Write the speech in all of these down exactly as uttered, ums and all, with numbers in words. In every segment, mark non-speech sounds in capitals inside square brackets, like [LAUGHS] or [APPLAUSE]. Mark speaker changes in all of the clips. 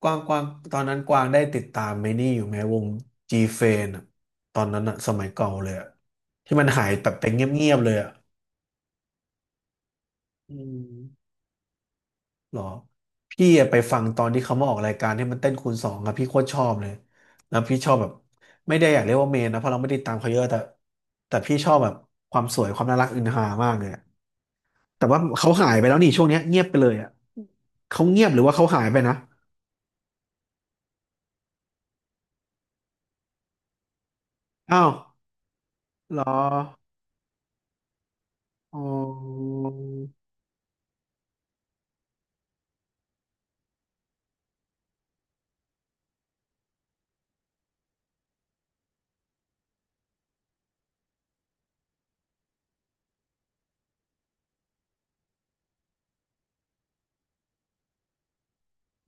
Speaker 1: กวางกวางตอนนั้นกวางได้ติดตามไอ้นี่อยู่ไหมวง G f a n อะตอนนั้นอะสมัยเก่าเลยอะที่มันหายแบบไปเงียบๆเลยอะอืมหรอพี่อะไปฟังตอนที่เขามาออกรายการที่มันเต้นคูณสองอะพี่โคตรชอบเลยแล้วพี่ชอบแบบไม่ได้อยากเรียกว่าเมนนะเพราะเราไม่ได้ตามเขาเยอะแต่แต่พี่ชอบแบบความสวยความน่ารักอินหามากเลยอะแต่ว่าเขาหายไปแล้วนี่ช่วงเนี้ยเงียบไปเลยอะเขาเงียบหรือว่าเขาหายไปนะอ้าวเหรออ๋อ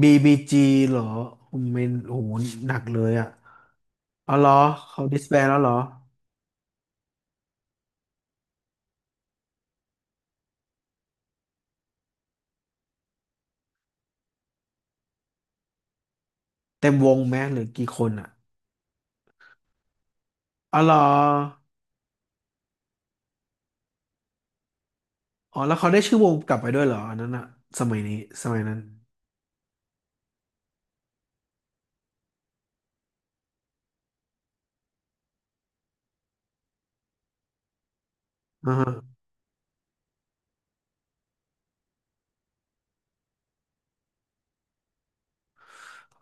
Speaker 1: บี บี จี เหรอผมเมนโอ้โหหนักเลยอ่ะอ๋อเหรอเขาดิสแบนแล้วเหรอ เต็มวงไหมหรือกี่คนอ่ะอ๋อเหรออ๋อแล้วเขาได้ชื่อวงกลับไปด้วยเหรออันนั้นอ่ะ สมัยนี้ สมัยนั้นอ่าฮะ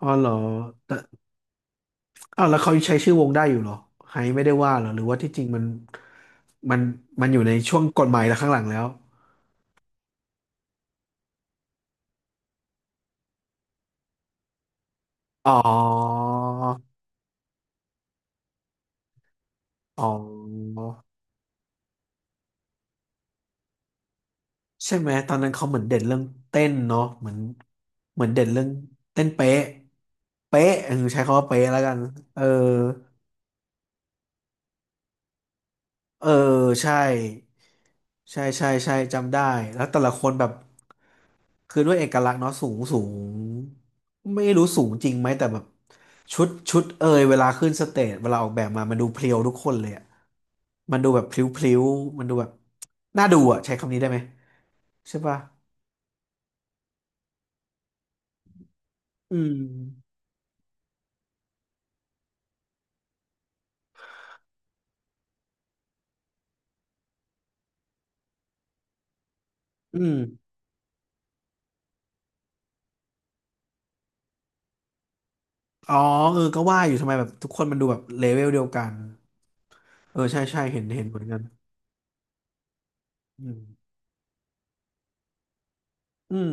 Speaker 1: อ๋อเหรอแต่อ้าวแล้วเขายังใช้ชื่อวงได้อยู่เหรอไฮไม่ได้ว่าเหรอหรือว่าที่จริงมันมันมันอยู่ในช่วงกฎหมายแล้วข้างหลังแล้ว อ๋ออ๋อ ใช่ไหมตอนนั้นเขาเหมือนเด่นเรื่องเต้นเนาะเหมือนเหมือนเด่นเรื่องเต้นเป๊ะเป๊ะเออใช้คำว่าเป๊ะแล้วกันเออเออใช่ใช่ใช่ใช่จำได้แล้วแต่ละคนแบบคือด้วยเอกลักษณ์เนาะสูงสูงไม่รู้สูงจริงไหมแต่แบบชุดชุดเอยเวลาขึ้นสเตจเวลาออกแบบมามันดูเพรียวทุกคนเลยอะมันดูแบบพลิ้วพลิ้วมันดูแบบน่าดูอะใช้คำนี้ได้ไหมใช่ป่ะอืมอืม อ๋อเออก็ว่าอยู่ทำไมแบบทุกคนมันดูแบบเลเวลเดียวกันเออใช่ใช่เห็นเห็นเหมือนกันอืมอืม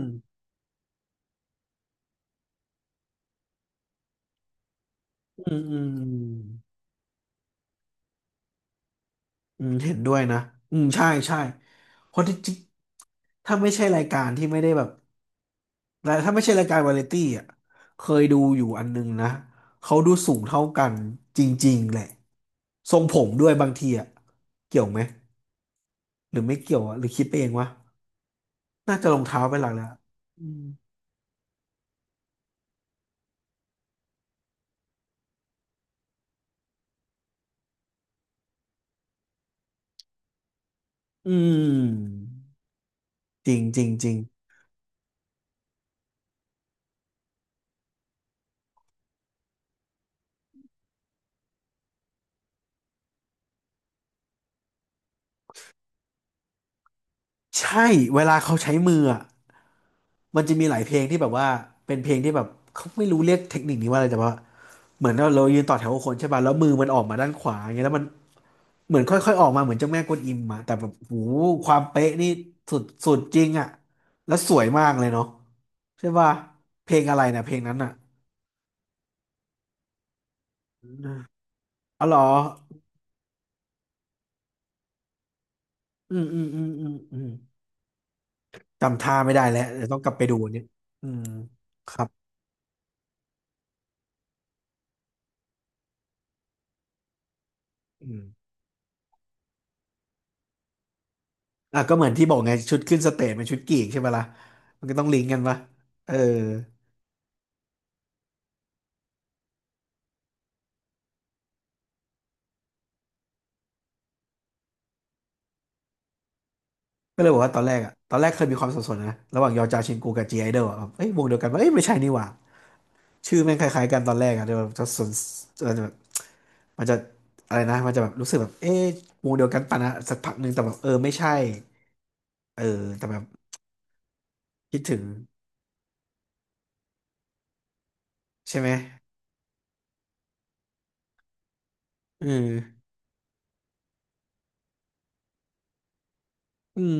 Speaker 1: อืมอืมอืมเห็นด้วยนะอืมใช่ใช่เพราะที่จริงถ้าไม่ใช่รายการที่ไม่ได้แบบและถ้าไม่ใช่รายการวาไรตี้อ่ะเคยดูอยู่อันนึงนะเขาดูสูงเท่ากันจริงๆแหละทรงผมด้วยบางทีอ่ะเกี่ยวไหมหรือไม่เกี่ยวอ่ะหรือคิดไปเองวะน่าจะรองเท้าเป็นหลักแล้วอืมอืมจริงจริงจริง ใช่เวลาเขาใช้มืออะมันจะมีหลายเพลงที่แบบว่าเป็นเพลงที่แบบเขาไม่รู้เรียกเทคนิคนี้ว่าอะไรแต่ว่าเหมือนเราเรายืนต่อแถวกับคนใช่ป่ะแล้วมือมันออกมาด้านขวาอย่างเงี้ยแล้วมันเหมือนค่อยๆออกมาเหมือนเจ้าแม่กวนอิมอะแต่แบบโหความเป๊ะนี่สุดสุดจริงอะแล้วสวยมากเลยเนาะใช่ป่ะเพลงอะไรนะเพลงนั้นอะอ๋อเหรออืมอืมอืมอืมอืมจำท่าไม่ได้แล้วเดี๋ยวต้องกลับไปดูอันเนี่ยอืมครับอืม อ่ะก็เหมือนที่บอกไงชุดขึ้นสเตจเป็นชุดกรีกใช่ไหมล่ะมันก็ต้องลิงก์กันปะเออก็เลยบอกว่าตอนแรกอ่ะตอนแรกเคยมีความสับสนนะระหว่างยอจาชินกูกับจีไอดอลอ่ะเอ้ยวงเดียวกันปะเอ้ยไม่ใช่นี่หว่าชื่อแม่งคล้ายๆกันตอนแรกอ่ะเดี๋ยวจะสนมันจะแบบมันจะอะไรนะมันจะแบบรู้สึกแบบเอ๊ะวงเดียวกันปะนะสักพักหนึ่งแต่แบบเออไม่ใช่เออแต่แบบคิดถึงใช่ไหมอืมอืม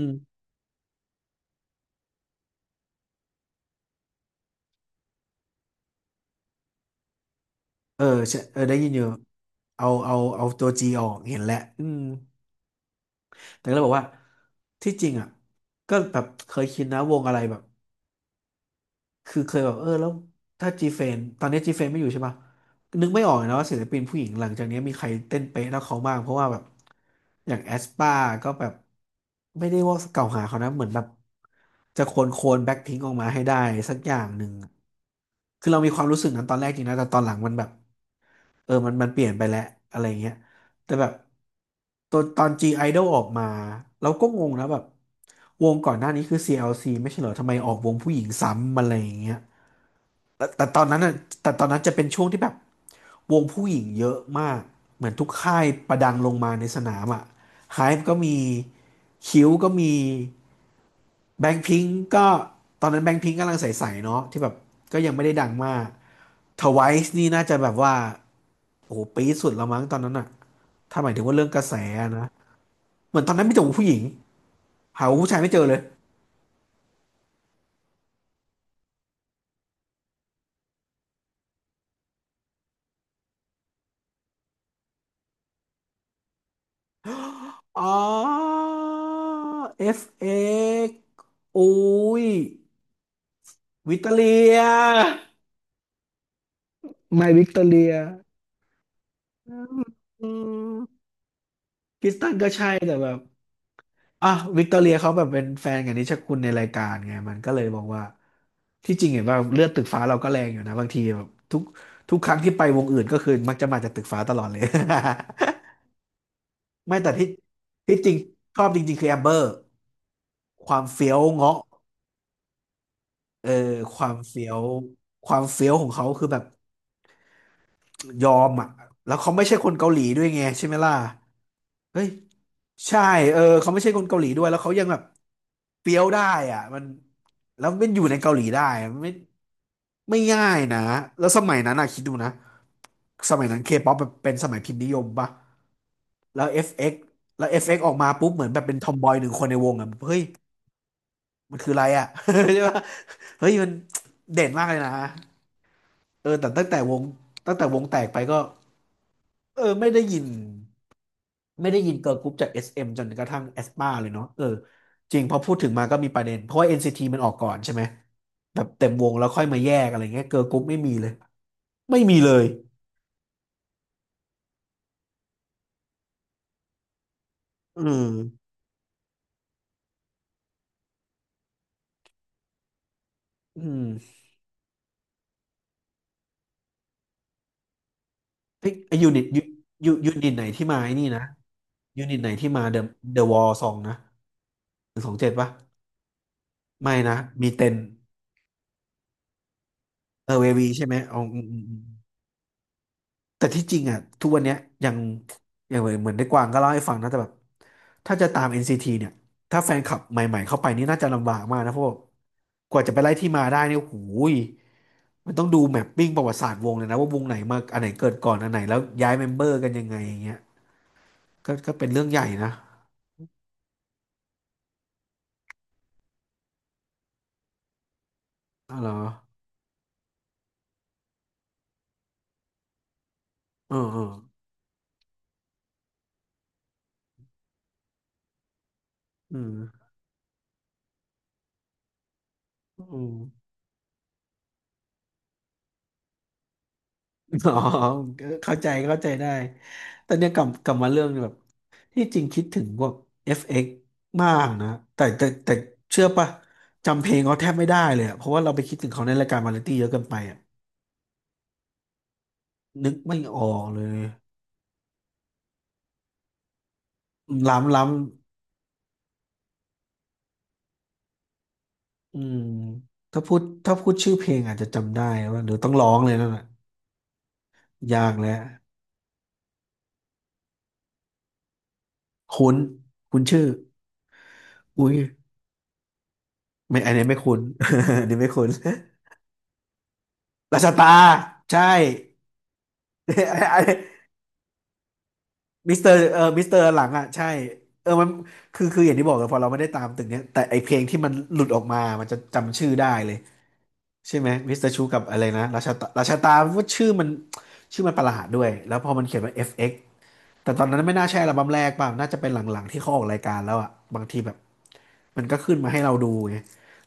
Speaker 1: เออใช่เออได้ยินอยู่เอาเอาเอาตัวจีออกเห็นแล้วอืม แต่ก็เลยบอกว่าที่จริงอ่ะก็แบบเคยคิดนะวงอะไรแบบคือเคยแบบเออแล้วถ้าจีเฟนตอนนี้จีเฟนไม่อยู่ใช่ปะนึกไม่ออกเลยนะว่าศิลปินผู้หญิงหลังจากนี้มีใครเต้นเป๊ะเท่าเขาบ้างเพราะว่าแบบอย่างแอสปาก็แบบไม่ได้ว่าเกล่าวหาเขานะเหมือนแบบจะโคลนโคลนแบ็คพิงค์ออกมาให้ได้สักอย่างหนึ่งคือเรามีความรู้สึกนั้นตอนแรกจริงนะแต่ตอนหลังมันแบบเออมันมันเปลี่ยนไปแล้วอะไรเงี้ย แต่แบบตอนตอน G Idol ออกมาเราก็งงนะแบบวงก่อนหน้านี้คือ ซี แอล ซี ไม่ใช่เหรอทำไมออกวงผู้หญิงซ้ำอะไรอย่างเงี้ยแต่แต่ตอนนั้นอ่ะแต่ตอนนั้นจะเป็นช่วงที่แบบวงผู้หญิงเยอะมาก เหมือนทุกค่ายประดังลงมาในสนามอ่ะ ไฮฟ์ ก็มีคิวก็มีแบงค์พิงก์ก็ตอนนั้นแบงค์พิงก์กำลังใสๆเนาะที่แบบก็ยังไม่ได้ดังมาก ทไวซ์ นี่น่าจะแบบว่าโอ้โหปีดสุดแล้วมั้งตอนนั้นอ่ะถ้าหมายถึงว่าเรื่องกระแสอะนะ เหมือนตอนนั้นมีแต่ผู้หญิงหาผู้ชายไม่เจอเลยอ๋อ เอฟ เอ็กซ์ อุ้ยวิตเตอเลียไมวิกตอเรียอืมอืมคริสตันก็ใช่แต่แบบอ่ะวิกตอเรียเขาแบบเป็นแฟนกับนิชคุณในรายการไงมันก็เลยบอกว่าที่จริงเห็นว่าเลือดตึกฟ้าเราก็แรงอยู่นะบางทีแบบทุกทุกครั้งที่ไปวงอื่นก็คือมักจะมาจากตึกฟ้าตลอดเลย [LAUGHS] ไม่แต่ที่ที่จริงชอบจริงๆคือแอมเบอร์ความเฟี้ยวเงาะ เออความเฟี้ยวความเฟี้ยวของเขาคือแบบยอมอ่ะแล้วเขาไม่ใช่คนเกาหลีด้วยไงใช่ไหมล่ะเฮ้ยใช่เออเขาไม่ใช่คนเกาหลีด้วยแล้วเขายังแบบเฟี้ยวได้อ่ะมันแล้วมันอยู่ในเกาหลีได้มันไม่ไม่ง่ายนะแล้วสมัยนั้นอ่ะคิดดูนะสมัยนั้นเคป๊อปเป็นสมัยพิมพ์นิยมปะแล้ว เอฟ เอ็กซ์ แล้ว เอฟ เอ็กซ์ อฟเอกซ์ออกมาปุ๊บเหมือนแบบเป็นทอมบอยหนึ่งคนในวงอ่ะเฮ้ยมันคืออะไรอ่ะ [LAUGHS] ใช่ปะเฮ้ยมันเด่นมากเลยนะ เออแต่ตั้งแต่วงตั้งแต่วงแตกไปก็เออไม่ได้ยินไม่ได้ยินเกิร์ลกรุ๊ปจาก เอส เอ็ม จนกระทั่งแอสปาเลยเนาะเออจริงพอพูดถึงมาก็มีประเด็นเพราะว่า เอ็น ซี ที มันออกก่อนใช่ไหมแบบเต็มวงแล้วค่อยมาแยกอะไรเงี้ยเกิร์ลกรุ๊ปไม่มีเลยไม่มีเลยอืมอืมไอ้ยูนิตยูยูยูนิตไหนที่มาไอ้นี่นะยูนิตไหนที่มาเดอะเดอะวอลซองนะหนึ่งสองเจ็ดปะไม่นะมีเต็นเออเววีใช่ไหมอ๋ออืมอืมอืม แต่ที่จริงอ่ะทุกวันเนี้ยยังยังเหมือนได้กวางก็เล่าให้ฟังนะแต่แบบถ้าจะตาม เอ็น ซี ที เนี่ยถ้าแฟนคลับใหม่ๆเข้าไปนี่น่าจะลำบากมากนะเพราะว่ากว่าจะไปไล่ที่มาได้เนี่ยโอ้โหยมันต้องดูแมปปิ้งประวัติศาสตร์วงเลยนะว่าวงไหนมาอันไหนเกิดก่อนอันไหนแล้วย้ายเมมเบอร์กันยังไงอย่างเงี้ยก็ก็เป็นเรื่องใหญ่นะอ๋อเหรอเออเอออืมอืม อ๋อเข้าใจเข้าใจได้แต่เนี่ยกลับกลับมาเรื่องแบบที่จริงคิดถึงพวก เอฟ เอ็กซ์ มากนะแต่แต่แต่เชื่อปะจำเพลงเขาแทบไม่ได้เลยอะเพราะว่าเราไปคิดถึงเขาในรายการวาไรตี้เยอะเกินไปอะนึกไม่ออกเลยล้ำล้ำอืมถ้าพูดถ้าพูดชื่อเพลงอาจจะจำได้ว่าเดี๋ยวต้องร้องเลยนั่นแหละยากแล้วคุ้นคุ้นชื่ออุ้ยไม่อันนี้ไม่คุ้น [LAUGHS] อันนี้ไม่คุ้น [LAUGHS] ราชตาใช่ [LAUGHS] มิสเตอร์เออมิสเตอร์หลังอ่ะใช่เออมันคือคืออย่างที่บอกเลยพอเราไม่ได้ตามตึกเนี้ยแต่ไอเพลงที่มันหลุดออกมามันจะจำชื่อได้เลยใช่ไหมมิสเตอร์ชูกับอะไรนะราชาตาราชาตาว่าชื่อมันชื่อมันประหลาดด้วยแล้วพอมันเขียนว่า เอฟ เอ็กซ์ แต่ตอนนั้นไม่น่าใช่อัลบั้มแรกป่ะน่าจะเป็นหลังๆที่เขาออกรายการแล้วอ่ะบางทีแบบมันก็ขึ้นมาให้เราดูไง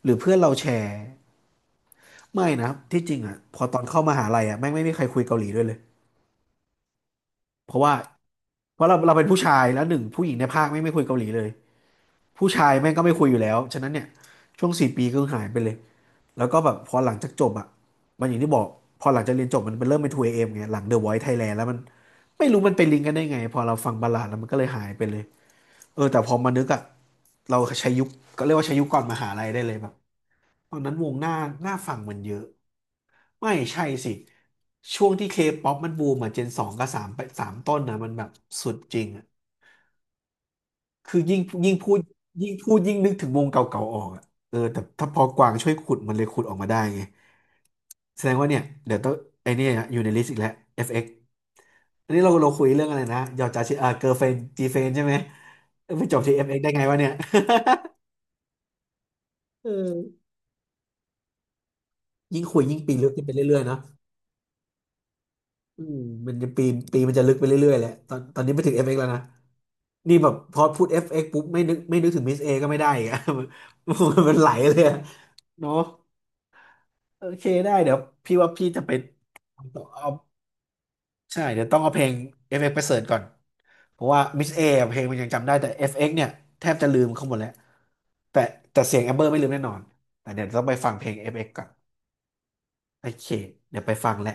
Speaker 1: หรือเพื่อนเราแชร์ไม่นะที่จริงอ่ะพอตอนเข้ามหาลัยอ่ะแม่งไม่มีใครคุยเกาหลีด้วยเลยเพราะว่าเพราะเราเราเป็นผู้ชายแล้วหนึ่งผู้หญิงในภาคไม่ไม่คุยเกาหลีเลย ผู้ชายแม่งก็ไม่คุยอยู่แล้ว ฉะนั้นเนี่ยช่วงสี่ปีก็หายไปเลย แล้วก็แบบพอหลังจากจบอ่ะมันอย่างที่บอกพอหลังจากเรียนจบมันเป็นเริ่มเป็น ทู เอ เอ็ม ไงหลัง The Voice Thailand แล้วมันไม่รู้มันไปลิงก์กันได้ไงพอเราฟังบัลลาดแล้วมันก็เลยหายไปเลยเออแต่พอมานึกอ่ะเราใช้ยุคก็เรียกว่าใช้ยุคก่อนมหาลัยได้เลยแบบตอนนั้นวงหน้าหน้าฟังมันเยอะไม่ใช่สิช่วงที่เคป๊อปมันบูมอ่ะเจนสองกับสามไปสามต้นนะมันแบบสุดจริงอะ คือยิ่งยิ่งพูดยิ่งพูดยิ่งนึกถึงวงเก่าๆออกอะเออแต่ถ้าพอกวางช่วยขุดมันเลยขุดออกมาได้ไงแสดงว่าเนี่ยเดี๋ยวต้องไอเนี่ยอยู่ในลิสต์อีกแล้ว เอฟ เอ็กซ์ อฟเอ็กซ์อันนี้เราเราคุยเรื่องอะไรนะยอจาชิอ่าเกิร์ลเฟรนจีเฟนใช่ไหมเออไปจบที่ เอฟ เอ็กซ์ ได้ไงวะเนี่ย [LAUGHS] เออยิ่งคุยยิ่งปีนลึกขึ้นไปเรื่อยๆเนาะอืมมันจะปีนปีมันจะลึกไปเรื่อยๆแหละตอนตอนนี้ไปถึง เอฟ เอ็กซ์ แล้วนะนี่แบบพอพูด เอฟ เอ็กซ์ ปุ๊บไม่นึกไม่นึกถึงมิสเอก็ไม่ได้อีกอะ [LAUGHS] มันมันไหลเลยอะเนาะ โอเคได้เดี๋ยวพี่ว่าพี่จะไปเอาใช่เดี๋ยวต้องเอาเพลง เอฟ เอ็กซ์ ไปเสิร์ชก่อนเพราะว่า Miss A อะเพลงมันยังจำได้แต่ เอฟ เอ็กซ์ เอ็กซ์เนี่ยแทบจะลืมเขาหมดแล้วแต่แต่เสียงแอมเบอร์ไม่ลืมแน่นอนแต่เดี๋ยวต้องไปฟังเพลง เอฟ เอ็กซ์ กซ์ก่อนโอเคเดี๋ยวไปฟังแหละ